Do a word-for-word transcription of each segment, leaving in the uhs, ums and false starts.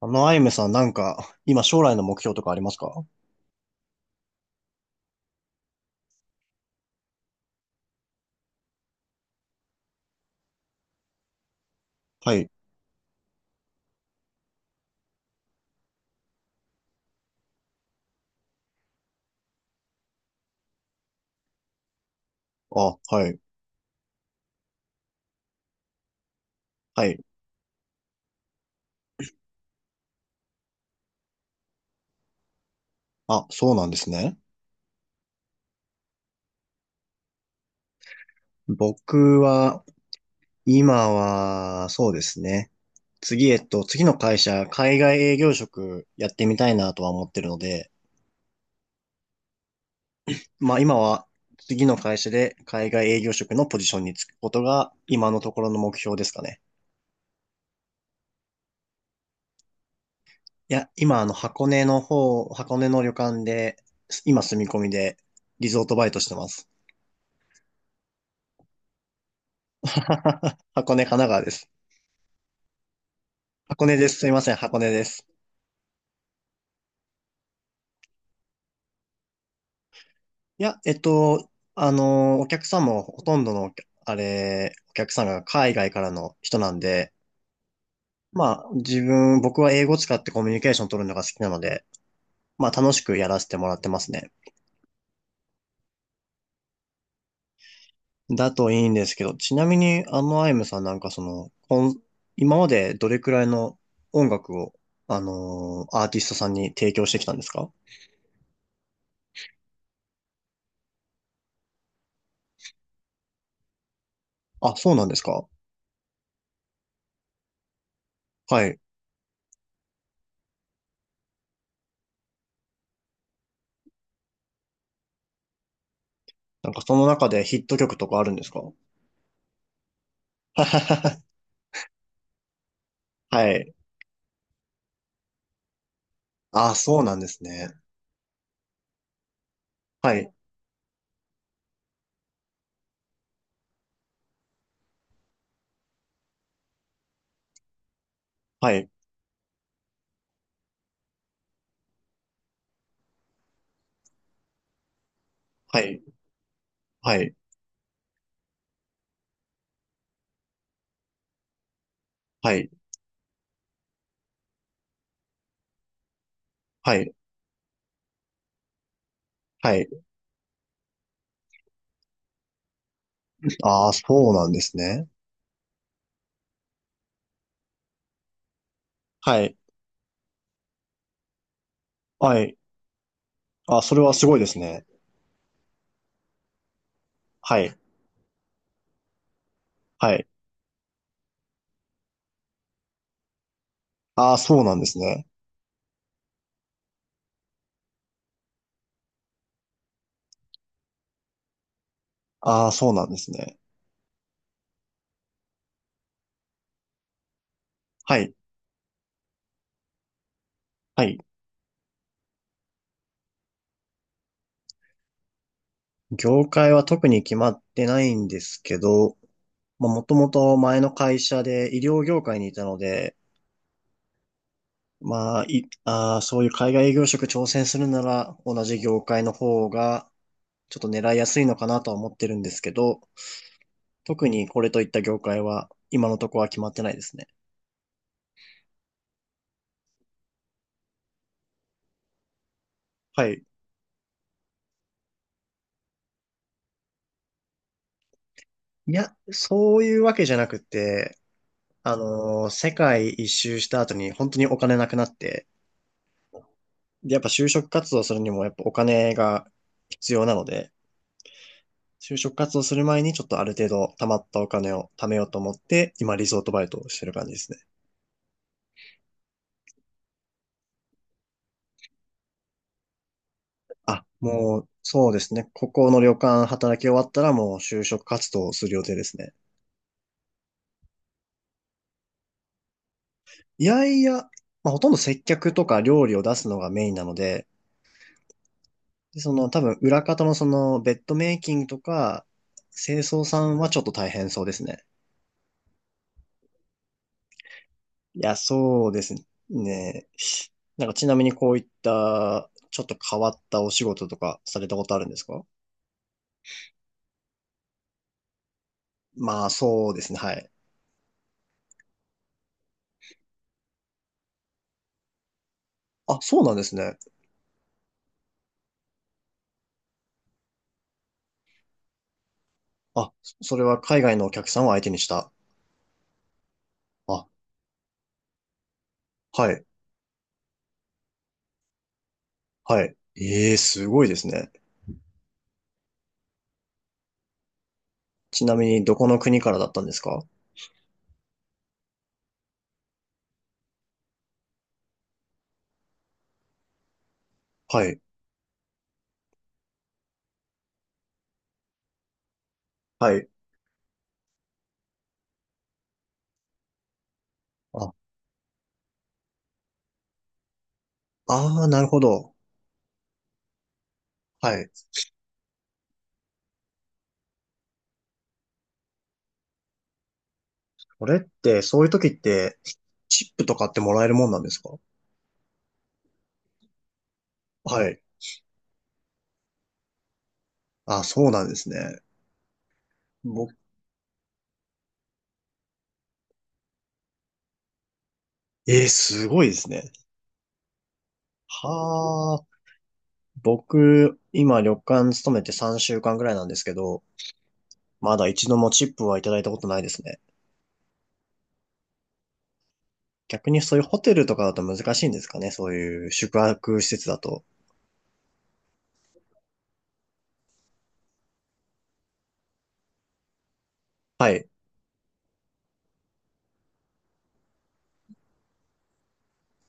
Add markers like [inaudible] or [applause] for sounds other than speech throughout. あの、アイムさん、なんか、今将来の目標とかありますか？はい。あ、はい。はい。あ、そうなんですね。僕は、今は、そうですね。次、えっと、次の会社、海外営業職やってみたいなとは思ってるので、まあ今は、次の会社で海外営業職のポジションにつくことが、今のところの目標ですかね。いや、今、あの、箱根の方、箱根の旅館で、今住み込みで、リゾートバイトしてます。[laughs] 箱根、神奈川です。箱根です。すいません、箱根です。いや、えっと、あの、お客さんもほとんどの、あれ、お客さんが海外からの人なんで、まあ、自分、僕は英語使ってコミュニケーション取るのが好きなので、まあ、楽しくやらせてもらってますね。だといいんですけど、ちなみに、あの、アイムさんなんかその、こん今までどれくらいの音楽を、あのアーティストさんに提供してきたんですか？あ、そうなんですか？はい。なんかその中でヒット曲とかあるんですか？ [laughs] はい。ああ、そうなんですね。はい、はい、はい、はい、はい、はい、はい。ああ、そうなんですね。はい、はい。ああ、それはすごいですね。はい、はい。ああ、そうなんですね。ああ、そうなんですね。はい、はい。業界は特に決まってないんですけど、まあ、もともと前の会社で医療業界にいたので、まあ、い、ああ、そういう海外営業職挑戦するなら同じ業界の方がちょっと狙いやすいのかなとは思ってるんですけど、特にこれといった業界は今のところは決まってないですね。はい。いや、そういうわけじゃなくて、あのー世界一周した後に本当にお金なくなって、でやっぱ就職活動するにもやっぱお金が必要なので、就職活動する前にちょっとある程度貯まったお金を貯めようと思って、今リゾートバイトをしてる感じですね。あ、もう、そうですね。ここの旅館働き終わったらもう就職活動をする予定ですね。いやいや、まあ、ほとんど接客とか料理を出すのがメインなので、でその多分裏方のそのベッドメイキングとか、清掃さんはちょっと大変そうですね。いや、そうですね。なんかちなみにこういったちょっと変わったお仕事とかされたことあるんですか？まあそうですね、はい。あ、そうなんですね。あ、そそれは海外のお客さんを相手にした。あ、はい、はい。ええ、すごいですね。ちなみにどこの国からだったんですか？はい、はい。あ、ああ、なるほど。はい。それって、そういう時って、チップとかってもらえるもんなんですか？はい。あ、そうなんですね。僕、えー、すごいですね。はあ。僕、今旅館勤めてさんしゅうかんぐらいなんですけど、まだ一度もチップはいただいたことないですね。逆にそういうホテルとかだと難しいんですかね、そういう宿泊施設だと。はい。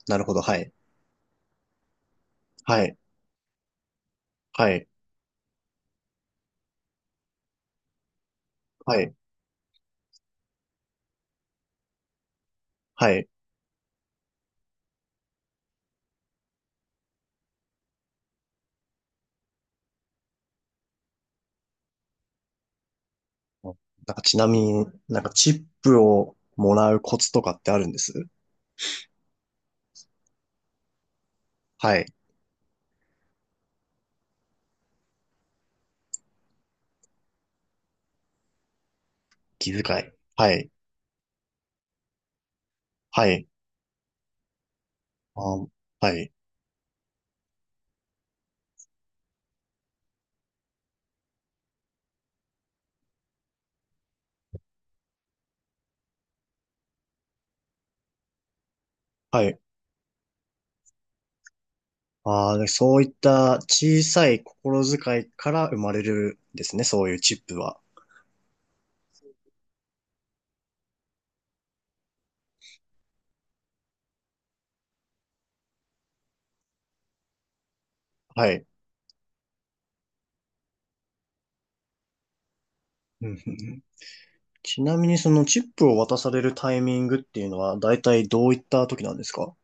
なるほど。はい。はい。はい。はい。はい。なんかちなみになんかチップをもらうコツとかってあるんです？はい。気遣い。はい。はい。あ、はい。はい。ああ、でそういった小さい心遣いから生まれるんですね。そういうチップは。はい。うんうんうんちなみにそのチップを渡されるタイミングっていうのは大体どういった時なんですか？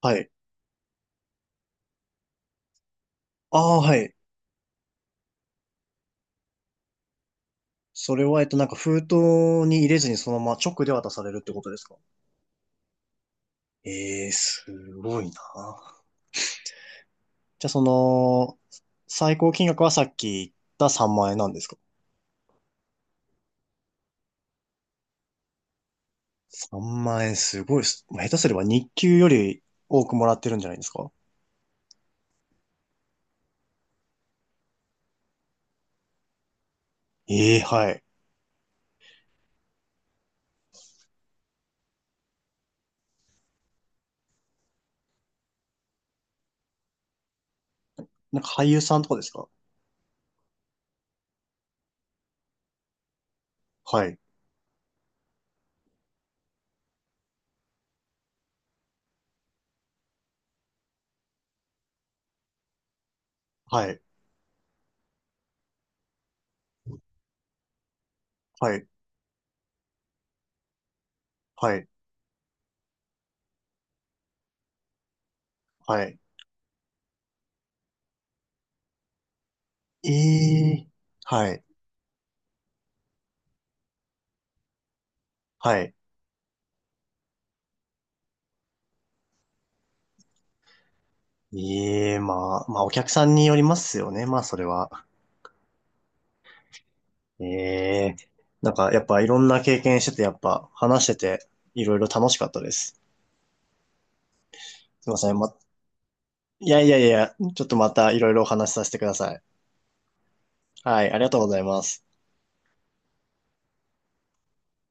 はい。ああ、はい。それは、えっと、なんか封筒に入れずにそのまま直で渡されるってことですか？ええー、すごいな。じゃあその、最高金額はさっき言ったさんまん円なんですか？ さん 万円すごいっす。もう下手すれば日給より多くもらってるんじゃないですか？ええはい。なんか俳優さんとかですか？はい。はい。はい。はい。はい。ええはい。はい。ええまあ、まあお客さんによりますよね。まあそれは。ええなんかやっぱいろんな経験してて、やっぱ話してていろいろ楽しかったです。すいません。いやいやいや、ちょっとまたいろいろお話しさせてください。はい、ありがとうございます。